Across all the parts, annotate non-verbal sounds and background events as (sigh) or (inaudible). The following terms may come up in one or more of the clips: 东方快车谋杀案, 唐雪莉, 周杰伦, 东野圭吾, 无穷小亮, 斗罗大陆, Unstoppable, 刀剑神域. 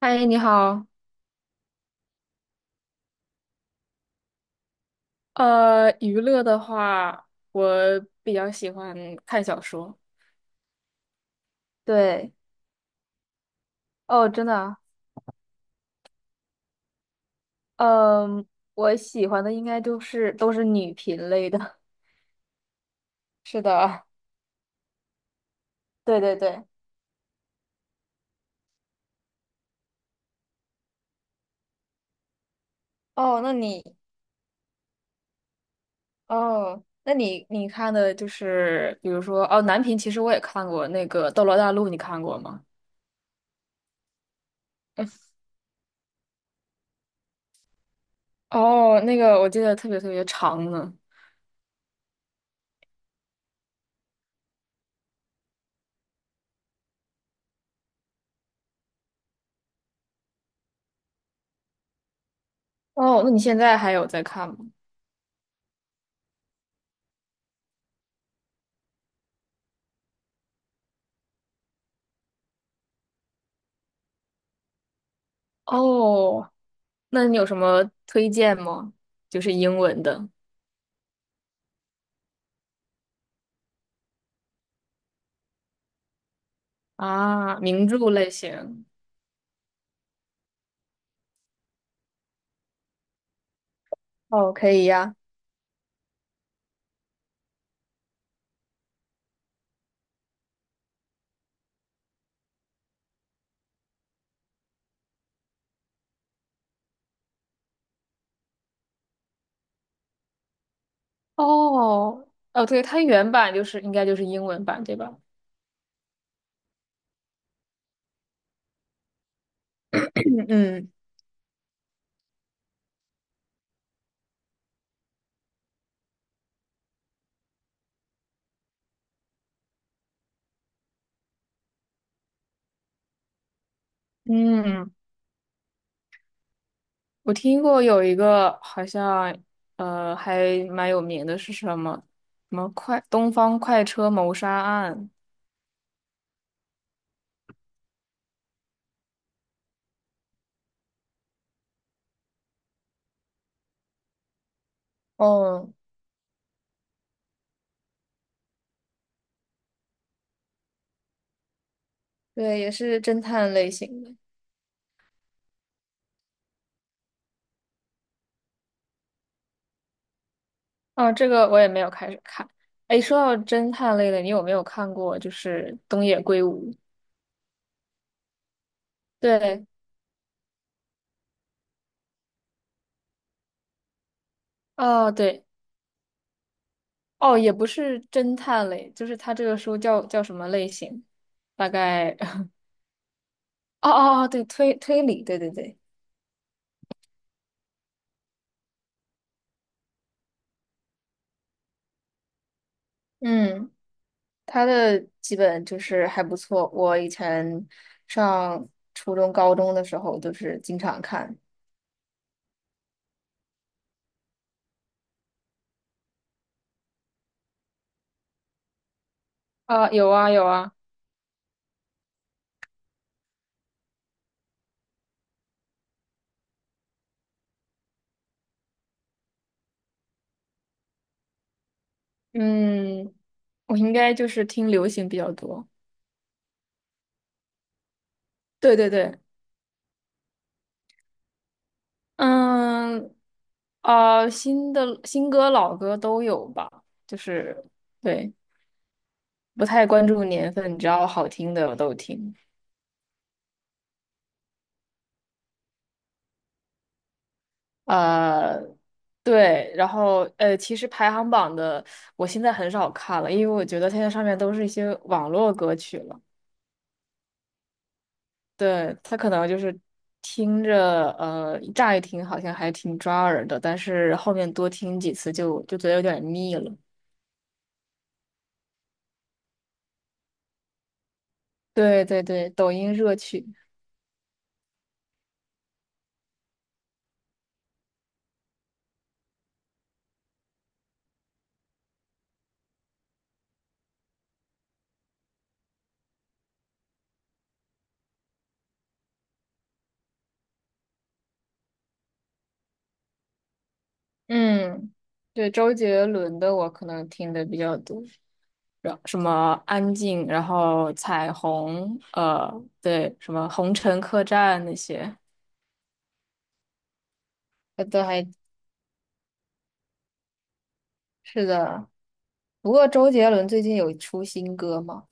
嗨，你好。娱乐的话，我比较喜欢看小说。对。哦，真的啊。嗯，我喜欢的应该就是都是女频类的。(laughs) 是的。对对对。哦，那你，哦，那你你看的就是，比如说，哦，男频其实我也看过那个《斗罗大陆》，你看过吗？哦，那个我记得特别特别长呢。哦，那你现在还有在看吗？哦，那你有什么推荐吗？就是英文的。啊，名著类型。哦，可以呀。哦，哦，对，它原版就是应该就是英文版，对吧？嗯嗯。嗯，我听过有一个好像还蛮有名的是什么什么快东方快车谋杀案。哦，对，也是侦探类型的。哦，这个我也没有开始看。哎，说到侦探类的，你有没有看过就是东野圭吾？对。哦，对。哦，也不是侦探类，就是它这个书叫叫什么类型？大概，(laughs) 哦哦哦，对，推推理，对对对。嗯，他的基本就是还不错。我以前上初中、高中的时候，就是经常看。啊，有啊有啊。嗯，我应该就是听流行比较多。对对对。嗯，啊，新的新歌老歌都有吧，就是对。不太关注年份，只要好听的我都听。呃，对，然后其实排行榜的我现在很少看了，因为我觉得现在上面都是一些网络歌曲了。对，它可能就是听着乍一听好像还挺抓耳的，但是后面多听几次就觉得有点腻了。对对对，抖音热曲。嗯，对，周杰伦的我可能听的比较多。然什么安静，然后彩虹，对，什么红尘客栈那些。呃对，还是的。不过周杰伦最近有出新歌吗？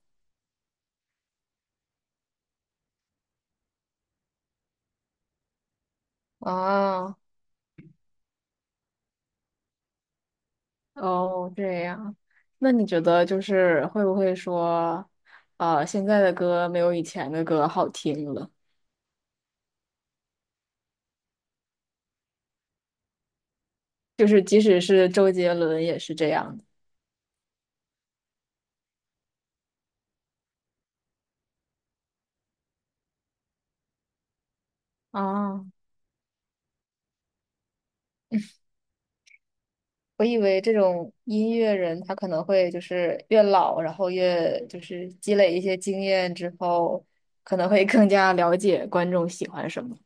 啊，哦，这样。那你觉得就是会不会说，啊，现在的歌没有以前的歌好听了？就是即使是周杰伦也是这样的啊。我以为这种音乐人，他可能会就是越老，然后越就是积累一些经验之后，可能会更加了解观众喜欢什么。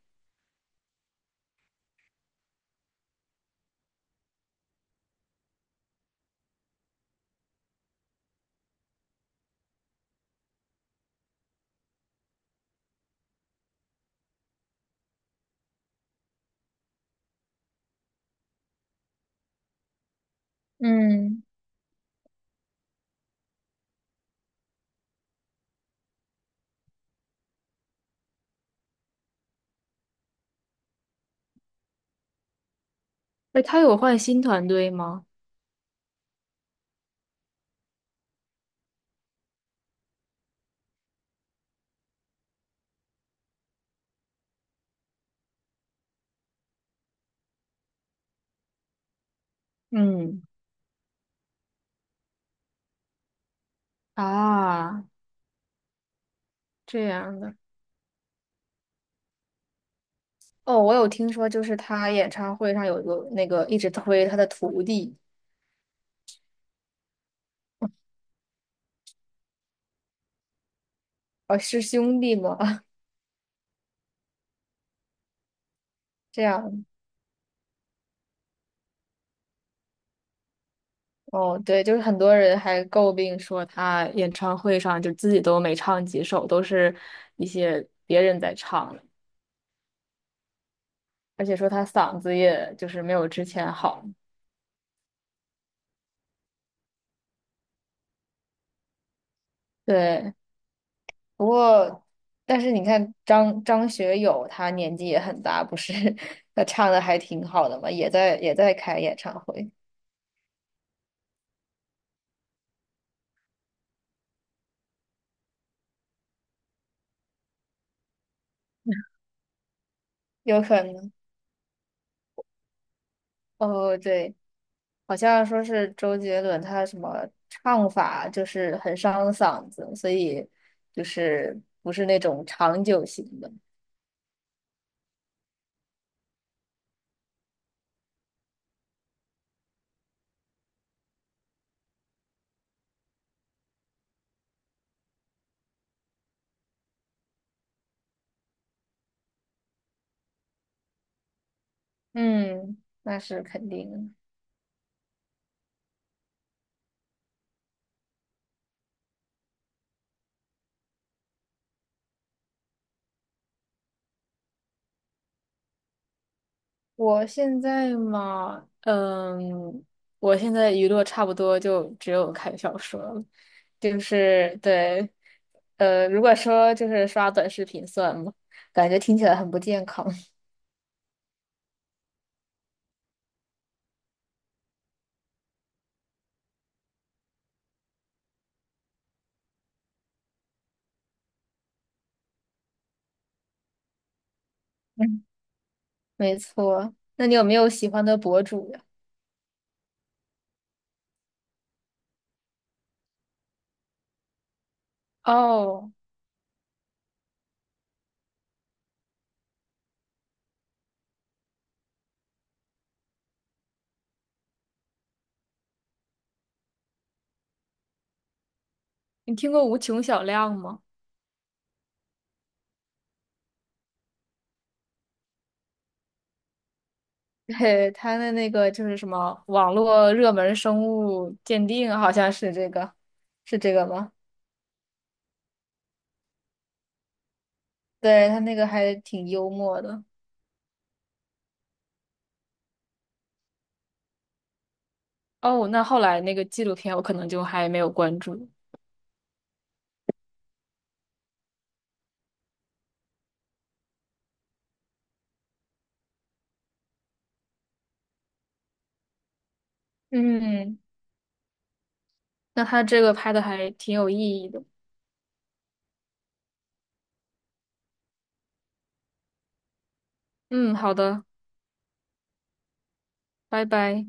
嗯。哎，他有换新团队吗？嗯，啊，这样的。哦，我有听说，就是他演唱会上有一个那个一直推他的徒弟。哦，是兄弟吗？(laughs) 这样哦，对，就是很多人还诟病说他演唱会上就自己都没唱几首，都是一些别人在唱的。而且说他嗓子也就是没有之前好。对，不过但是你看张学友，他年纪也很大，不是 (laughs) 他唱的还挺好的嘛，也在也在开演唱会，有可能。哦，对。好像说是周杰伦他什么唱法就是很伤嗓子，所以就是不是那种长久型的。嗯，那是肯定的。我现在嘛，嗯，我现在娱乐差不多就只有看小说了，就是对，如果说就是刷短视频算吗？感觉听起来很不健康。(laughs) 嗯，没错。那你有没有喜欢的博主呀？哦。你听过无穷小亮吗？(laughs) 对，他的那个就是什么网络热门生物鉴定，好像是这个，是这个吗？对，他那个还挺幽默的。哦，那后来那个纪录片我可能就还没有关注。嗯，那他这个拍的还挺有意义的。嗯，好的，拜拜。